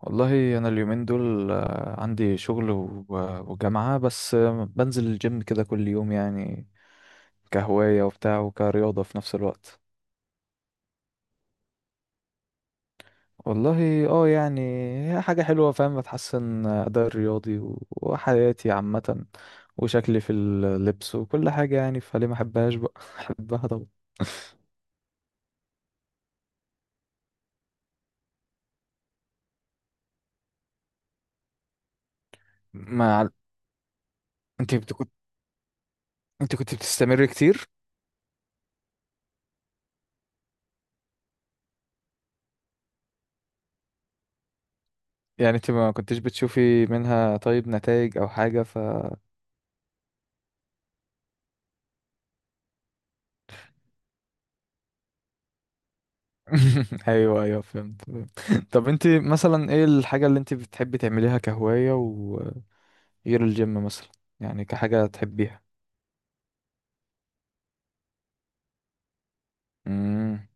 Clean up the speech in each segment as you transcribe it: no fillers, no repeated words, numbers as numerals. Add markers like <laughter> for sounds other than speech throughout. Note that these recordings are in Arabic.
والله انا اليومين دول عندي شغل وجامعة بس بنزل الجيم كده كل يوم يعني كهواية وبتاع وكرياضة في نفس الوقت. والله اه يعني هي حاجة حلوة فاهم، بتحسن أداء الرياضي وحياتي عامة وشكلي في اللبس وكل حاجة، يعني فليه ما احبهاش بقى؟ <laughs> احبها طبعا. ما عل- انت بت- كنت انت كنت بتستمر كتير؟ يعني انت ما كنتش بتشوفي منها طيب نتائج او حاجة <laughs> ايوه، ايوه، فهمت. <laughs> طب انت مثلا ايه الحاجة اللي انت بتحبي تعمليها كهواية وغير الجيم مثلا؟ يعني كحاجة تحبيها؟ امم.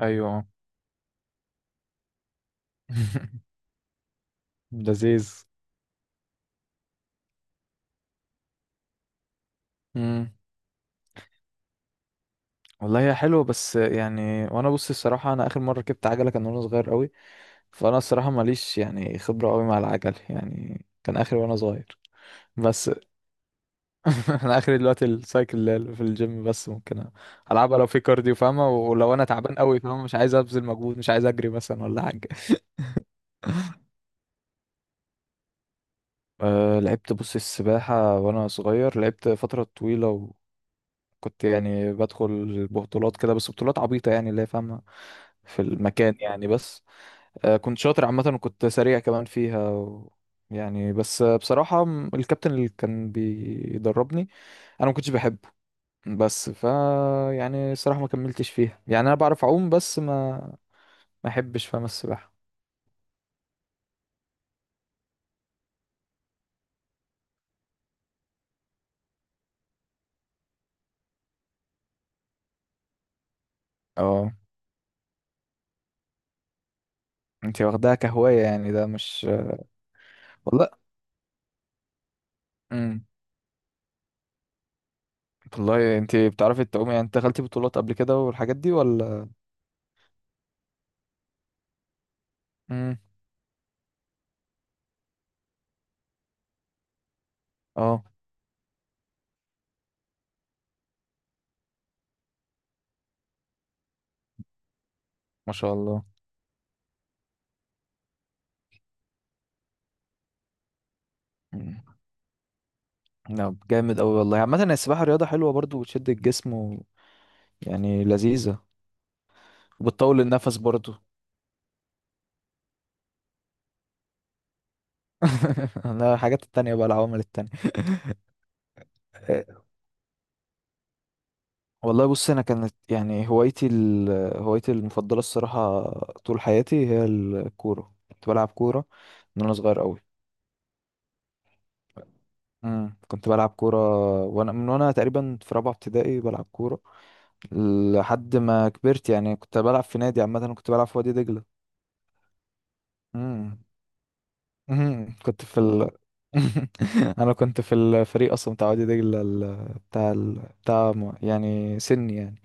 ايوه. <laughs> لذيذ. امم. والله هي حلوه بس يعني، وانا بص الصراحه انا اخر مره ركبت عجله كان وانا صغير قوي. فانا الصراحه ماليش يعني خبره قوي مع العجل، يعني كان اخر وانا صغير. بس <laughs> انا اخري دلوقتي السايكل اللي هي في الجيم بس، ممكن العبها لو في كارديو فاهمة، ولو انا تعبان قوي فاهمة مش عايز ابذل مجهود، مش عايز اجري مثلا ولا حاجة. <laughs> أه لعبت، بص السباحة وأنا صغير لعبت فترة طويلة، وكنت يعني بدخل بطولات كده بس بطولات عبيطة يعني اللي هي فاهمة، في المكان يعني. بس أه كنت شاطر عامة وكنت سريع كمان فيها، يعني بس بصراحة الكابتن اللي كان بيدربني أنا ما كنتش بحبه. بس يعني الصراحة ما كملتش فيها، يعني انا بعرف اعوم بس ما ما احبش فاهم السباحة. اه، انت واخداها كهواية يعني، ده مش والله. امم. والله انت بتعرفي تعومي يعني، انت دخلتي بطولات قبل كده والحاجات دي ولا؟ امم. اه. ما شاء الله. امم. لا جامد قوي والله، عامة السباحة رياضة حلوة برضو، وتشد الجسم يعني لذيذة. وبتطول النفس برضو. <laughs> انا الحاجات التانية بقى العوامل التانية. والله بص انا كانت يعني هوايتي المفضله الصراحه طول حياتي هي الكوره، كنت بلعب كوره من وانا صغير قوي. كنت بلعب كوره، من وانا تقريبا في رابعه ابتدائي بلعب كوره لحد ما كبرت، يعني كنت بلعب في نادي، عامه كنت بلعب في وادي دجله. امم. امم. <laughs> انا كنت في الفريق اصلا بتاع وادي دجله بتاع بتاع يعني سني يعني.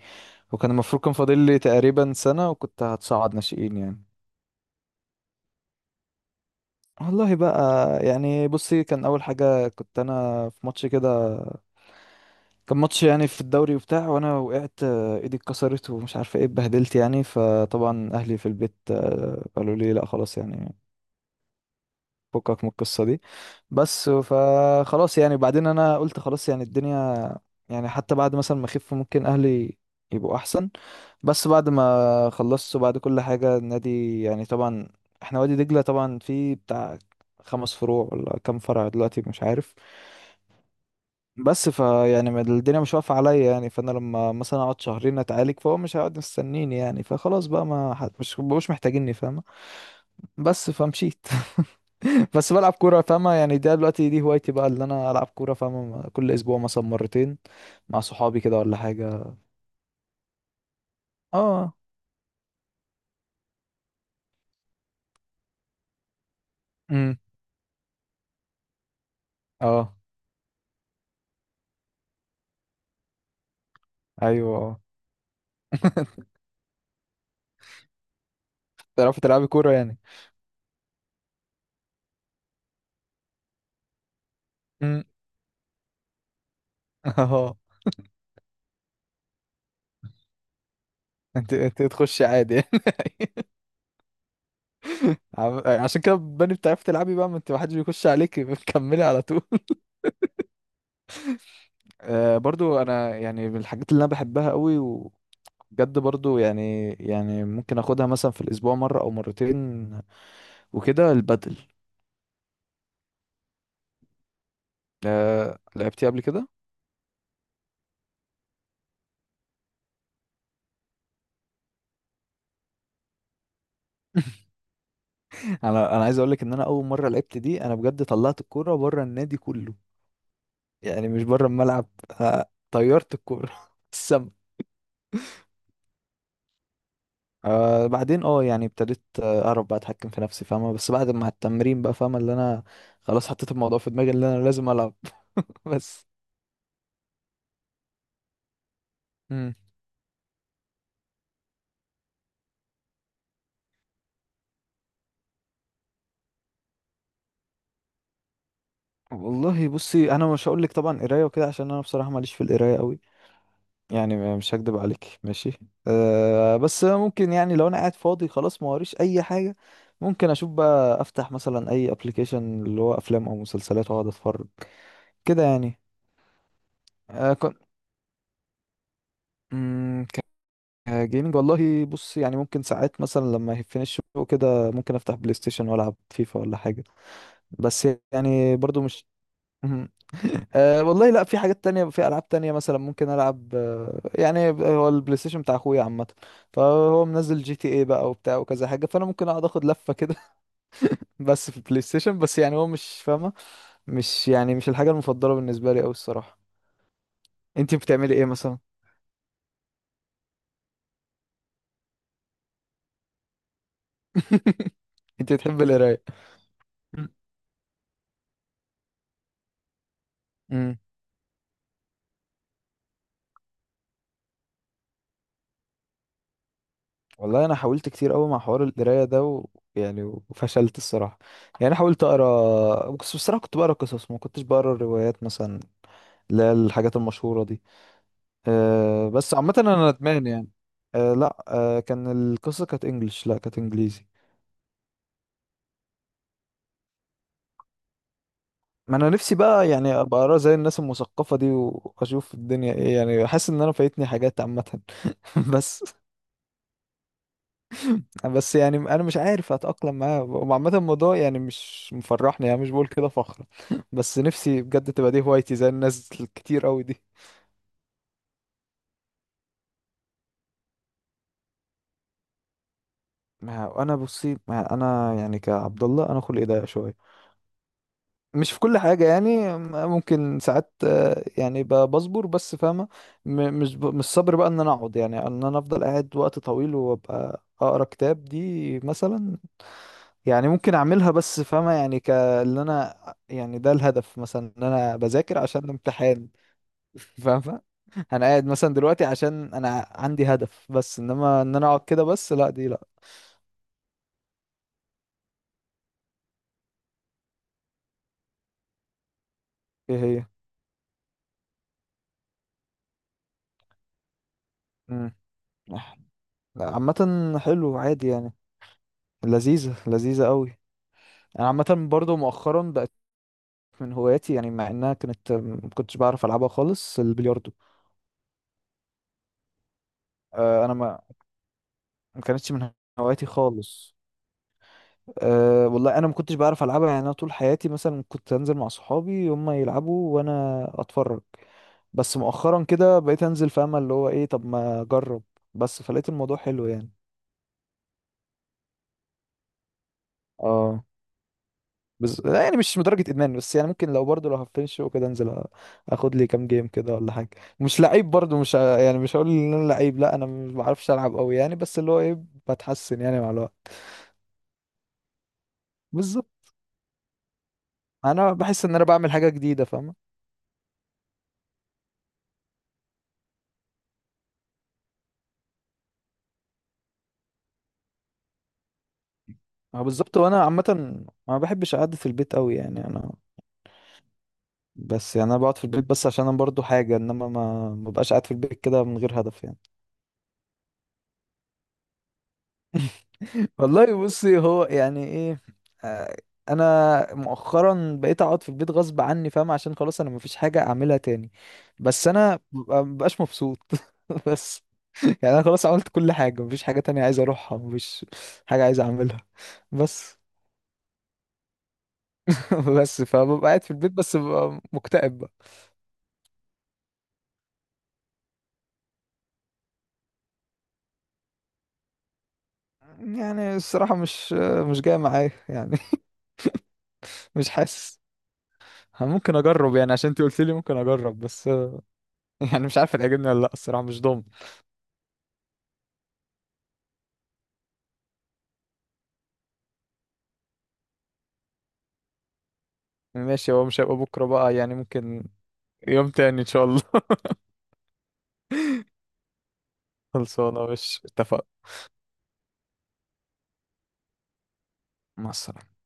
وكان المفروض كان فاضل لي تقريبا سنه وكنت هتصعد ناشئين يعني. والله بقى، يعني بصي كان اول حاجه كنت انا في ماتش كده، كان ماتش يعني في الدوري وبتاع، وانا وقعت ايدي اتكسرت ومش عارفه ايه، اتبهدلت يعني. فطبعا اهلي في البيت قالوا لي لا، خلاص يعني، فكك من القصه دي. بس فخلاص يعني، بعدين انا قلت خلاص يعني الدنيا، يعني حتى بعد مثلا ما اخف ممكن اهلي يبقوا احسن. بس بعد ما خلصت وبعد كل حاجة، النادي يعني طبعا احنا وادي دجلة طبعا فيه بتاع خمس فروع ولا كام فرع دلوقتي مش عارف. بس فيعني الدنيا مش واقفة عليا يعني، فانا لما مثلا اقعد شهرين اتعالج فهو مش هيقعد مستنيني يعني، فخلاص بقى ما حد مش محتاجيني فاهمة. بس فمشيت. <laughs> بس بلعب كورة فاهمة يعني، ده دلوقتي دي هوايتي بقى اللي انا العب كورة فاهمة، كل اسبوع مثلا مرتين مع صحابي كده ولا حاجة. اه. امم. اه. ايوه. اه. <laughs> تعرفي تلعبي كورة يعني؟ امم. <laughs> اه. انت تخشي عادي يعني؟ <laughs> عشان كده بني بتعرفي تلعبي بقى، ما انت محدش بيخش عليكي <laughs> بتكملي على طول. آه برضو انا يعني من الحاجات اللي انا بحبها قوي وبجد برضو، يعني ممكن اخدها مثلا في الاسبوع مرة او مرتين وكده البدل. آه لعبتي قبل كده؟ <laughs> انا عايز اقول لك ان انا اول مره لعبت دي، انا بجد طلعت الكوره بره النادي كله، يعني مش بره الملعب، طيرت الكوره <laughs> السما. آه بعدين اه يعني ابتديت اعرف بقى اتحكم في نفسي فاهمه، بس بعد ما التمرين بقى فاهمه اللي انا خلاص حطيت الموضوع في دماغي اللي انا لازم العب. <laughs> بس. مم. والله بصي انا مش هقول لك طبعا قرايه وكده، عشان انا بصراحه ماليش في القرايه قوي، يعني مش هكدب عليك ماشي. أه بس ممكن يعني لو انا قاعد فاضي خلاص ما وريش اي حاجه، ممكن اشوف بقى، افتح مثلا اي ابلكيشن اللي هو افلام او مسلسلات واقعد اتفرج كده يعني. أه كنت جيمنج. والله بص يعني ممكن ساعات مثلا لما يهفني الشغل كده، ممكن افتح بلاي ستيشن والعب فيفا ولا حاجه، بس يعني برضو مش مهم. <laughs> أه والله لا، في حاجات تانية، في ألعاب تانية مثلا ممكن ألعب يعني هو البلاي ستيشن بتاع أخويا عامة، فهو منزل GTA بقى وبتاع وكذا حاجة، فأنا ممكن أقعد أخد لفة كده. <laughs> بس في البلاي ستيشن بس، يعني هو مش فاهمة، مش يعني مش الحاجة المفضلة بالنسبة لي أوي الصراحة. أنت بتعملي إيه مثلا؟ <laughs> أنت بتحبي القراية؟ والله انا حاولت كتير قوي مع حوار القرايه ده يعني وفشلت الصراحه، يعني أنا حاولت اقرا بس بصراحه كنت بقرا قصص، ما كنتش بقرا الروايات مثلا، اللي هي الحاجات المشهوره دي. أه بس عامه انا ندمان يعني. أه لا، أه كان القصه كانت انجلش، لا كانت انجليزي. ما انا نفسي بقى يعني ابقى اقرا زي الناس المثقفه دي، واشوف الدنيا ايه يعني، حاسس ان انا فايتني حاجات عامه. <laughs> بس بس يعني انا مش عارف اتاقلم معاه، وعامه الموضوع يعني مش مفرحني، يعني مش بقول كده فخر <laughs> بس نفسي بجد تبقى دي هوايتي زي الناس الكتير قوي دي. ما انا بصي ما انا يعني كعبد الله، انا خلقي ضيق شويه مش في كل حاجه يعني. ممكن ساعات يعني بصبر بس فاهمه، مش مش صبر بقى ان انا اقعد، يعني ان انا افضل قاعد وقت طويل وابقى اقرا كتاب دي مثلا. يعني ممكن اعملها بس فاهمة، يعني ك اللي انا، يعني ده الهدف مثلا ان انا بذاكر عشان امتحان. <laughs> فاهمة. انا قاعد مثلا دلوقتي عشان انا عندي هدف، بس انما ان انا اقعد كده بس لا، دي لا. ايه هي؟ امم. لا عامة حلو عادي يعني. لذيذة لذيذة قوي. انا عامة برضو مؤخرا بقت من هواياتي، يعني مع انها كانت ما كنتش بعرف العبها خالص، البلياردو. انا ما ما كانتش من هواياتي خالص. أه والله انا ما كنتش بعرف العبها، يعني انا طول حياتي مثلا كنت انزل مع صحابي هم يلعبوا وانا اتفرج. بس مؤخرا كده بقيت انزل في امل اللي هو ايه، طب ما اجرب، بس فلقيت الموضوع حلو يعني. اه بس لا يعني مش لدرجة ادمان، بس يعني ممكن لو برضه لو هفنش وكده انزل اخد لي كام جيم كده ولا حاجة. مش لعيب برضه، مش ه- يعني مش هقول ان انا لعيب، لا انا ما بعرفش العب قوي يعني، بس اللي هو ايه، بتحسن يعني مع الوقت. بالظبط. انا بحس ان انا بعمل حاجة جديدة فاهم. اه بالظبط، وانا عامه ما بحبش قعدة البيت قوي يعني انا. بس يعني انا بقعد في البيت بس عشان انا برضو حاجه، انما ما ما ببقاش قاعد في البيت كده من غير هدف يعني. <laughs> والله بصي هو يعني ايه. آه، انا مؤخرا بقيت اقعد في البيت غصب عني فاهم، عشان خلاص انا مفيش حاجه اعملها تاني، بس انا مبقاش مبسوط. <laughs> بس يعني انا خلاص عملت كل حاجه، مفيش حاجه تانية عايز اروحها، مفيش حاجه عايز اعملها بس. <laughs> بس فببقى قاعد في البيت بس ببقى مكتئب. يعني الصراحة مش جاية معايا يعني. <laughs> مش حاسس، ممكن اجرب يعني عشان انت قلت لي ممكن اجرب بس. <laughs> يعني مش عارف هتعجبني ولا لا، الصراحة مش ضامن. ماشي، هو مش هيبقى بكرة بقى يعني، ممكن يوم تاني ان شاء الله. <laughs> خلصانة مش اتفق. مع السلامة.